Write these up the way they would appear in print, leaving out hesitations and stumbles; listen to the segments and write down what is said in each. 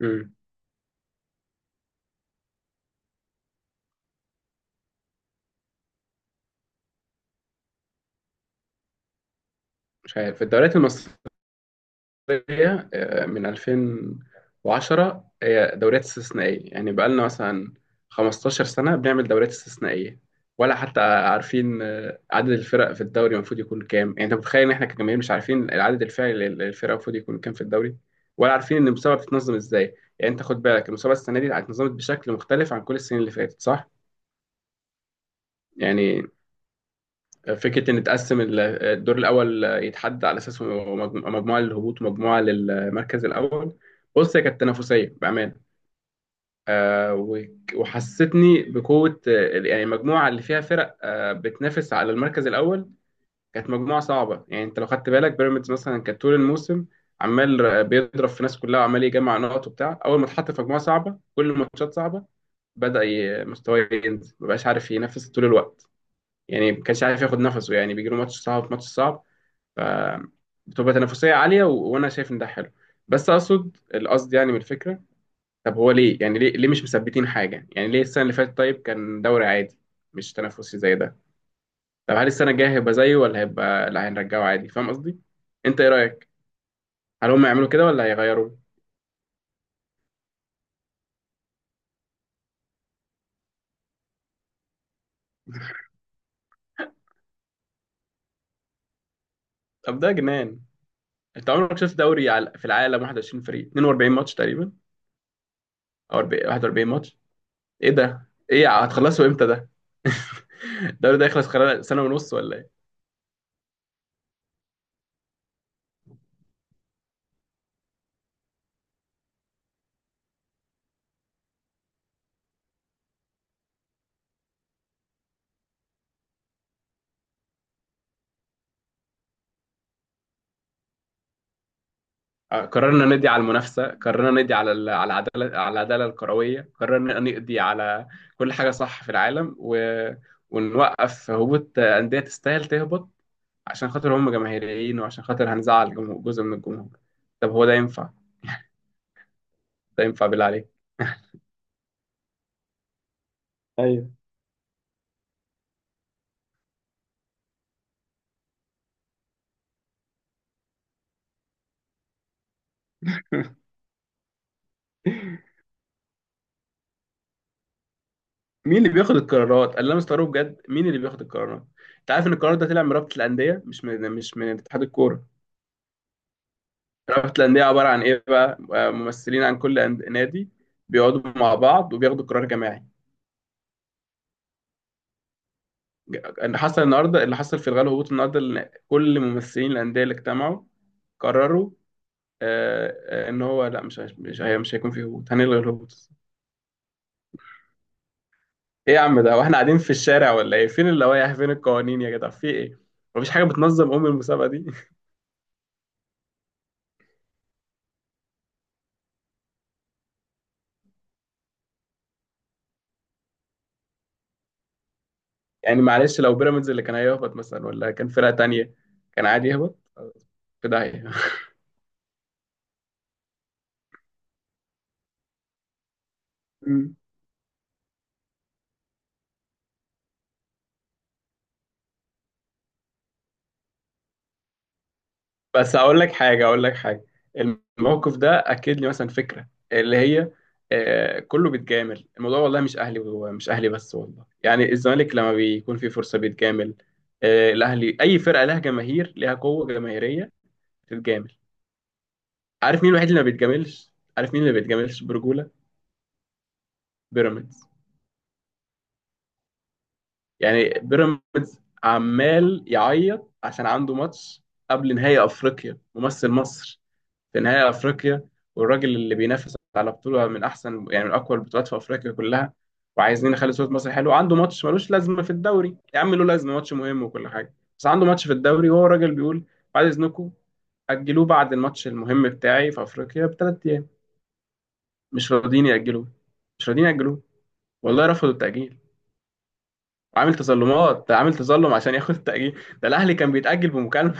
مم. مش عارف الدوريات المصرية. من 2010 هي دوريات استثنائية، يعني بقالنا مثلا 15 سنة بنعمل دوريات استثنائية. ولا حتى عارفين عدد الفرق في الدوري المفروض يكون كام. يعني انت متخيل ان احنا كجماهير مش عارفين العدد الفعلي للفرق المفروض يكون كام في الدوري؟ ولا عارفين ان المسابقة بتتنظم ازاي. يعني انت خد بالك، المسابقة السنة دي اتنظمت بشكل مختلف عن كل السنين اللي فاتت، صح؟ يعني فكرة إن تقسم الدور الأول يتحدى على أساس مجموعة للهبوط ومجموعة للمركز الأول. بص، هي كانت تنافسية بأمانة. وحسيتني بقوة. يعني المجموعة اللي فيها فرق بتنافس على المركز الأول كانت مجموعة صعبة. يعني أنت لو خدت بالك، بيراميدز مثلا كانت طول الموسم عمال بيضرب في ناس كلها، وعمال يجمع نقط وبتاع. أول ما اتحط في مجموعة صعبة كل الماتشات صعبة، بدأ مستواه ينزل، مبقاش عارف ينافس طول الوقت. يعني ما كانش عارف ياخد نفسه، يعني بيجيله ماتش صعب ماتش صعب، فبتبقى تنافسية عالية. وأنا شايف إن ده حلو. بس أقصد القصد يعني من الفكرة: طب هو ليه، يعني ليه مش مثبتين حاجة؟ يعني ليه السنة اللي فاتت طيب كان دوري عادي مش تنافسي زي ده؟ طب هل السنة الجاية هيبقى زيه ولا هيبقى لا هنرجعه عادي؟ فاهم قصدي؟ أنت إيه رأيك؟ هل هم يعملوا كده ولا هيغيروا؟ طب ده جنان. أنت عمرك شفت دوري في العالم 21 فريق، 42 ماتش تقريبا أو 41 ماتش؟ إيه ده، إيه، هتخلصوا إمتى ده؟ الدوري ده يخلص خلال سنة ونص ولا إيه؟ قررنا ندي على المنافسه، قررنا ندي على العداله، على العداله الكرويه، قررنا نقضي على كل حاجه صح في العالم. ونوقف هبوط انديه تستاهل تهبط عشان خاطر هم جماهيريين، وعشان خاطر هنزعل جزء من الجمهور. طب هو ده ينفع؟ ده ينفع بالله عليك؟ ايوه. مين اللي بياخد القرارات؟ اللي انا لا، مستغرب بجد، مين اللي بياخد القرارات؟ انت عارف ان القرار ده طلع من رابطه الانديه، مش من اتحاد الكوره. رابطة الأندية عبارة عن إيه بقى؟ ممثلين عن كل نادي، بيقعدوا مع بعض وبياخدوا قرار جماعي. اللي حصل النهاردة، اللي حصل في الغالب هبوط النهاردة، إن كل ممثلين الأندية اللي اجتمعوا قرروا، آه، إن هو لا، مش هيش- مش هي- مش هيكون في هبوط، هنلغي الهبوط. إيه يا عم ده؟ وإحنا قاعدين في الشارع ولا إيه؟ فين اللوائح؟ فين القوانين يا جدع؟ في إيه؟ مفيش حاجة بتنظم أم المسابقة دي؟ يعني معلش، لو بيراميدز اللي كان هيهبط مثلا ولا كان فرقة تانية كان عادي يهبط؟ في داهية. بس اقول لك حاجه، اقول لك حاجه، الموقف ده اكد لي مثلا فكره اللي هي كله بيتجامل الموضوع. والله مش اهلي ومش اهلي بس، والله يعني الزمالك لما بيكون في فرصه بيتجامل. الاهلي، اي فرقه لها جماهير لها قوه جماهيريه بتتجامل. عارف مين الوحيد اللي ما بيتجاملش؟ عارف مين اللي ما بيتجاملش برجوله؟ بيراميدز. يعني بيراميدز عمال يعيط عشان عنده ماتش قبل نهائي افريقيا، ممثل مصر في نهائي افريقيا، والراجل اللي بينافس على بطوله من احسن، يعني من اقوى البطولات في افريقيا كلها، وعايزين نخلي صوره مصر حلوه. عنده ماتش ملوش لازمه في الدوري، يا عم له لازمه ماتش مهم وكل حاجه، بس عنده ماتش في الدوري. وهو الراجل بيقول: بعد اذنكم، اجلوه بعد الماتش المهم بتاعي في افريقيا بثلاث ايام. مش راضيين ياجلوه، مش راضيين ياجلوه. والله رفضوا التاجيل. عامل تظلمات، ده عامل تظلم عشان ياخد التاجيل. ده الاهلي كان بيتاجل بمكالمه.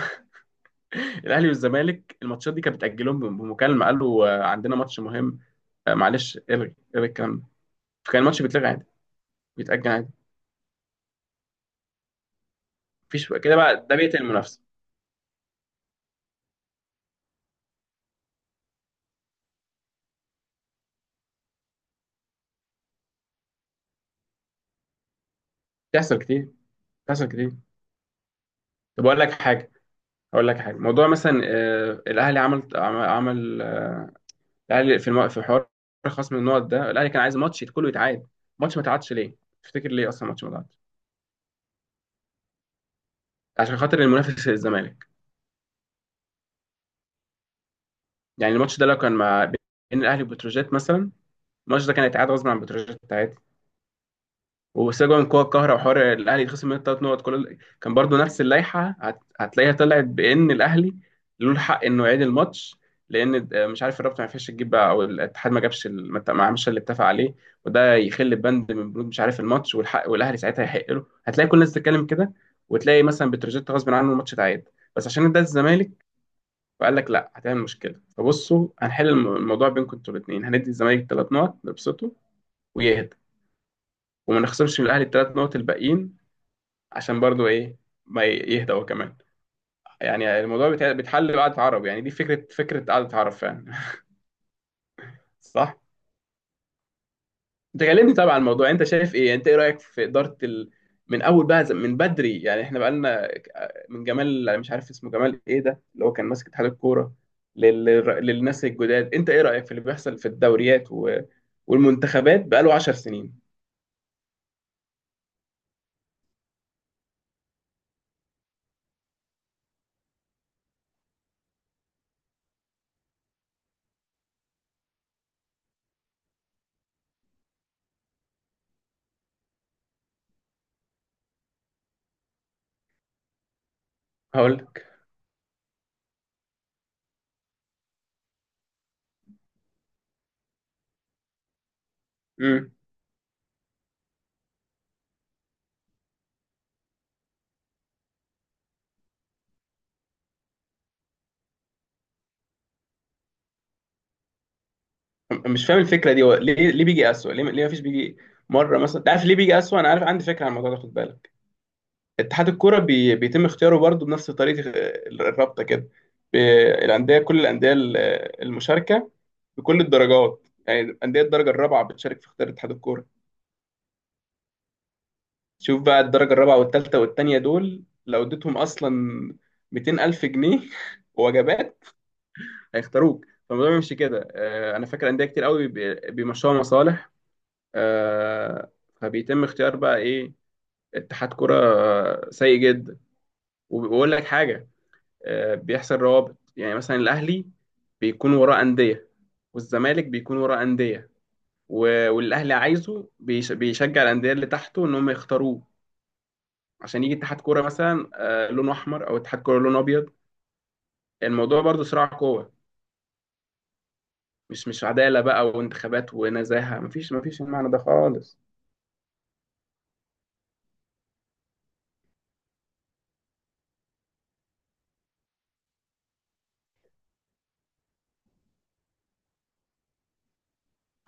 الاهلي والزمالك الماتشات دي كانت بتاجلهم بمكالمه. قالوا عندنا ماتش مهم، معلش الغي الغي الكلام ده، فكان الماتش بيتلغى عادي، بيتاجل عادي. مفيش كده بقى، ده بيقتل المنافسه. بتحصل كتير، بتحصل كتير. طب اقول لك حاجه، اقول لك حاجه، موضوع مثلا الاهلي الاهلي في في حوار خصم النقط ده. الاهلي كان عايز ماتش كله يتعاد. ماتش ما اتعادش ليه؟ تفتكر ليه اصلا ماتش ما اتعادش؟ عشان خاطر المنافس الزمالك. يعني الماتش ده لو كان مع، بين الاهلي وبتروجيت مثلا، الماتش ده كان هيتعاد غصب عن بتروجيت عادي، وسجوا من قوى القاهره، وحوار الاهلي يتخصم منه ثلاث نقط، كان برضو نفس اللائحه، هتلاقيها طلعت بان الاهلي له الحق انه يعيد الماتش. لان مش عارف الرابطه ما عرفتش تجيب بقى، او الاتحاد ما جابش ما عملش اللي اتفق عليه، وده يخل بند من بنود مش عارف الماتش والحق. والاهلي ساعتها يحق له، هتلاقي كل الناس بتتكلم كده، وتلاقي مثلا بتروجيت غصب عنه الماتش اتعاد. بس عشان ده الزمالك، فقال لك لا هتعمل مشكله، فبصوا هنحل الموضوع بينكم انتوا الاثنين، هندي الزمالك ثلاث نقط نبسطه ويهدى، وما نخسرش من الاهلي الثلاث نقط الباقيين، عشان برضو ايه، ما ي- يهدى هو كمان. يعني الموضوع بيتحل بقعدة عرب. يعني دي فكرة قعدة عرب فعلا. صح. انت كلمني طبعا عن الموضوع، انت شايف ايه، انت ايه رأيك في إدارة من اول بقى، من بدري، يعني احنا بقالنا من جمال، مش عارف اسمه جمال ايه، ده اللي هو كان ماسك اتحاد الكورة لل... للناس الجداد، انت ايه رأيك في اللي بيحصل في الدوريات والمنتخبات بقاله 10 سنين؟ هقول لك، مش فاهم الفكره دي. هو ليه بيجي اسوأ؟ ليه مفيش بيجي مره مثلا؟ انت عارف ليه بيجي اسوأ؟ انا عارف، عندي فكره عن الموضوع ده، خد بالك. اتحاد الكوره بيتم اختياره برضه بنفس طريقه الرابطه كده. ب... الانديه، كل المشاركه بكل الدرجات، يعني انديه الدرجه الرابعه بتشارك في اختيار اتحاد الكوره. شوف بقى، الدرجه الرابعه والثالثه والثانيه دول لو اديتهم اصلا 200 الف جنيه وجبات هيختاروك. فالموضوع بيمشي كده. انا فاكر انديه كتير قوي بيمشوها مصالح. آه، فبيتم اختيار بقى ايه؟ اتحاد كرة سيء جدا. وبقول لك حاجة، بيحصل روابط. يعني مثلا الأهلي بيكون وراه أندية، والزمالك بيكون وراه أندية. والأهلي عايزه، بيشجع الأندية اللي تحته إن هم يختاروه، عشان يجي اتحاد كرة مثلا لونه أحمر، أو اتحاد كرة لونه أبيض. الموضوع برضه صراع قوة. مش عدالة بقى، وانتخابات ونزاهة، مفيش المعنى ده خالص.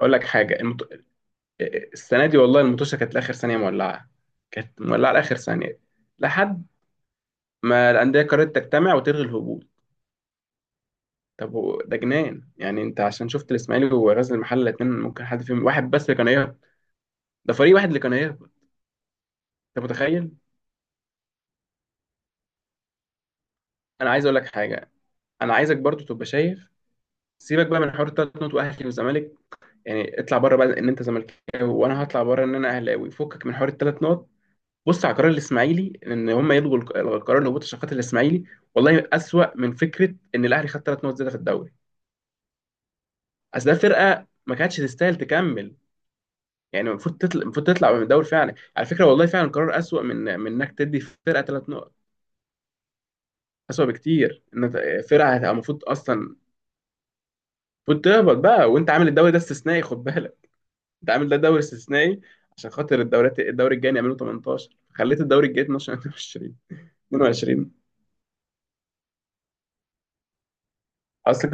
أقول لك حاجة، السنه دي والله المطوشه كانت لاخر ثانيه مولعه، كانت مولعه لاخر ثانيه لحد ما الانديه قررت تجتمع وتلغي الهبوط. طب ده جنان. يعني انت عشان شفت الاسماعيلي وغزل المحله، الاثنين ممكن حد فيهم، واحد بس اللي كان هيهبط، ده فريق واحد اللي كان هيهبط. انت متخيل؟ انا عايز اقول لك حاجه، انا عايزك برضو تبقى شايف. سيبك بقى من حوار التلات نقط واهلي وزمالك، يعني اطلع بره بقى ان انت زملكاوي، وانا هطلع بره ان انا اهلاوي، فكك من حوار التلات نقط. بص على قرار الاسماعيلي ان هم يلغوا القرار اللي هبوط الشقات الاسماعيلي. والله اسوأ من فكره ان الاهلي خد ثلاث نقط زياده في الدوري. اصل ده فرقه ما كانتش تستاهل تكمل. يعني المفروض تطلع، المفروض تطلع من الدوري فعلا على فكره. والله فعلا قرار اسوأ من انك تدي فرقه ثلاث نقط. اسوأ بكتير ان فرقه هتبقى المفروض اصلا، المفروض تهبط بقى، وانت عامل الدوري ده استثنائي. خد بالك، انت عامل ده دوري استثنائي عشان خاطر الدوريات. الدوري الجاي يعملوا 18، خليت الدوري الجاي 12، 22، 22 اصلا.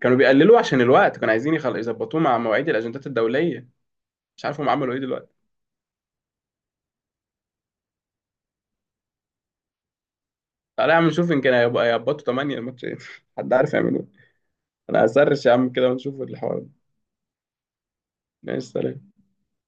كانوا بيقللوا عشان الوقت، كانوا عايزين يظبطوه مع مواعيد الاجندات الدوليه. مش عارف هم عملوا ايه دلوقتي. تعالى يا عم نشوف، يمكن هيظبطوا 8 الماتشين. حد عارف يعملوا ايه. انا هسرش يا عم كده ونشوف الحوار ده. ماشي سلام.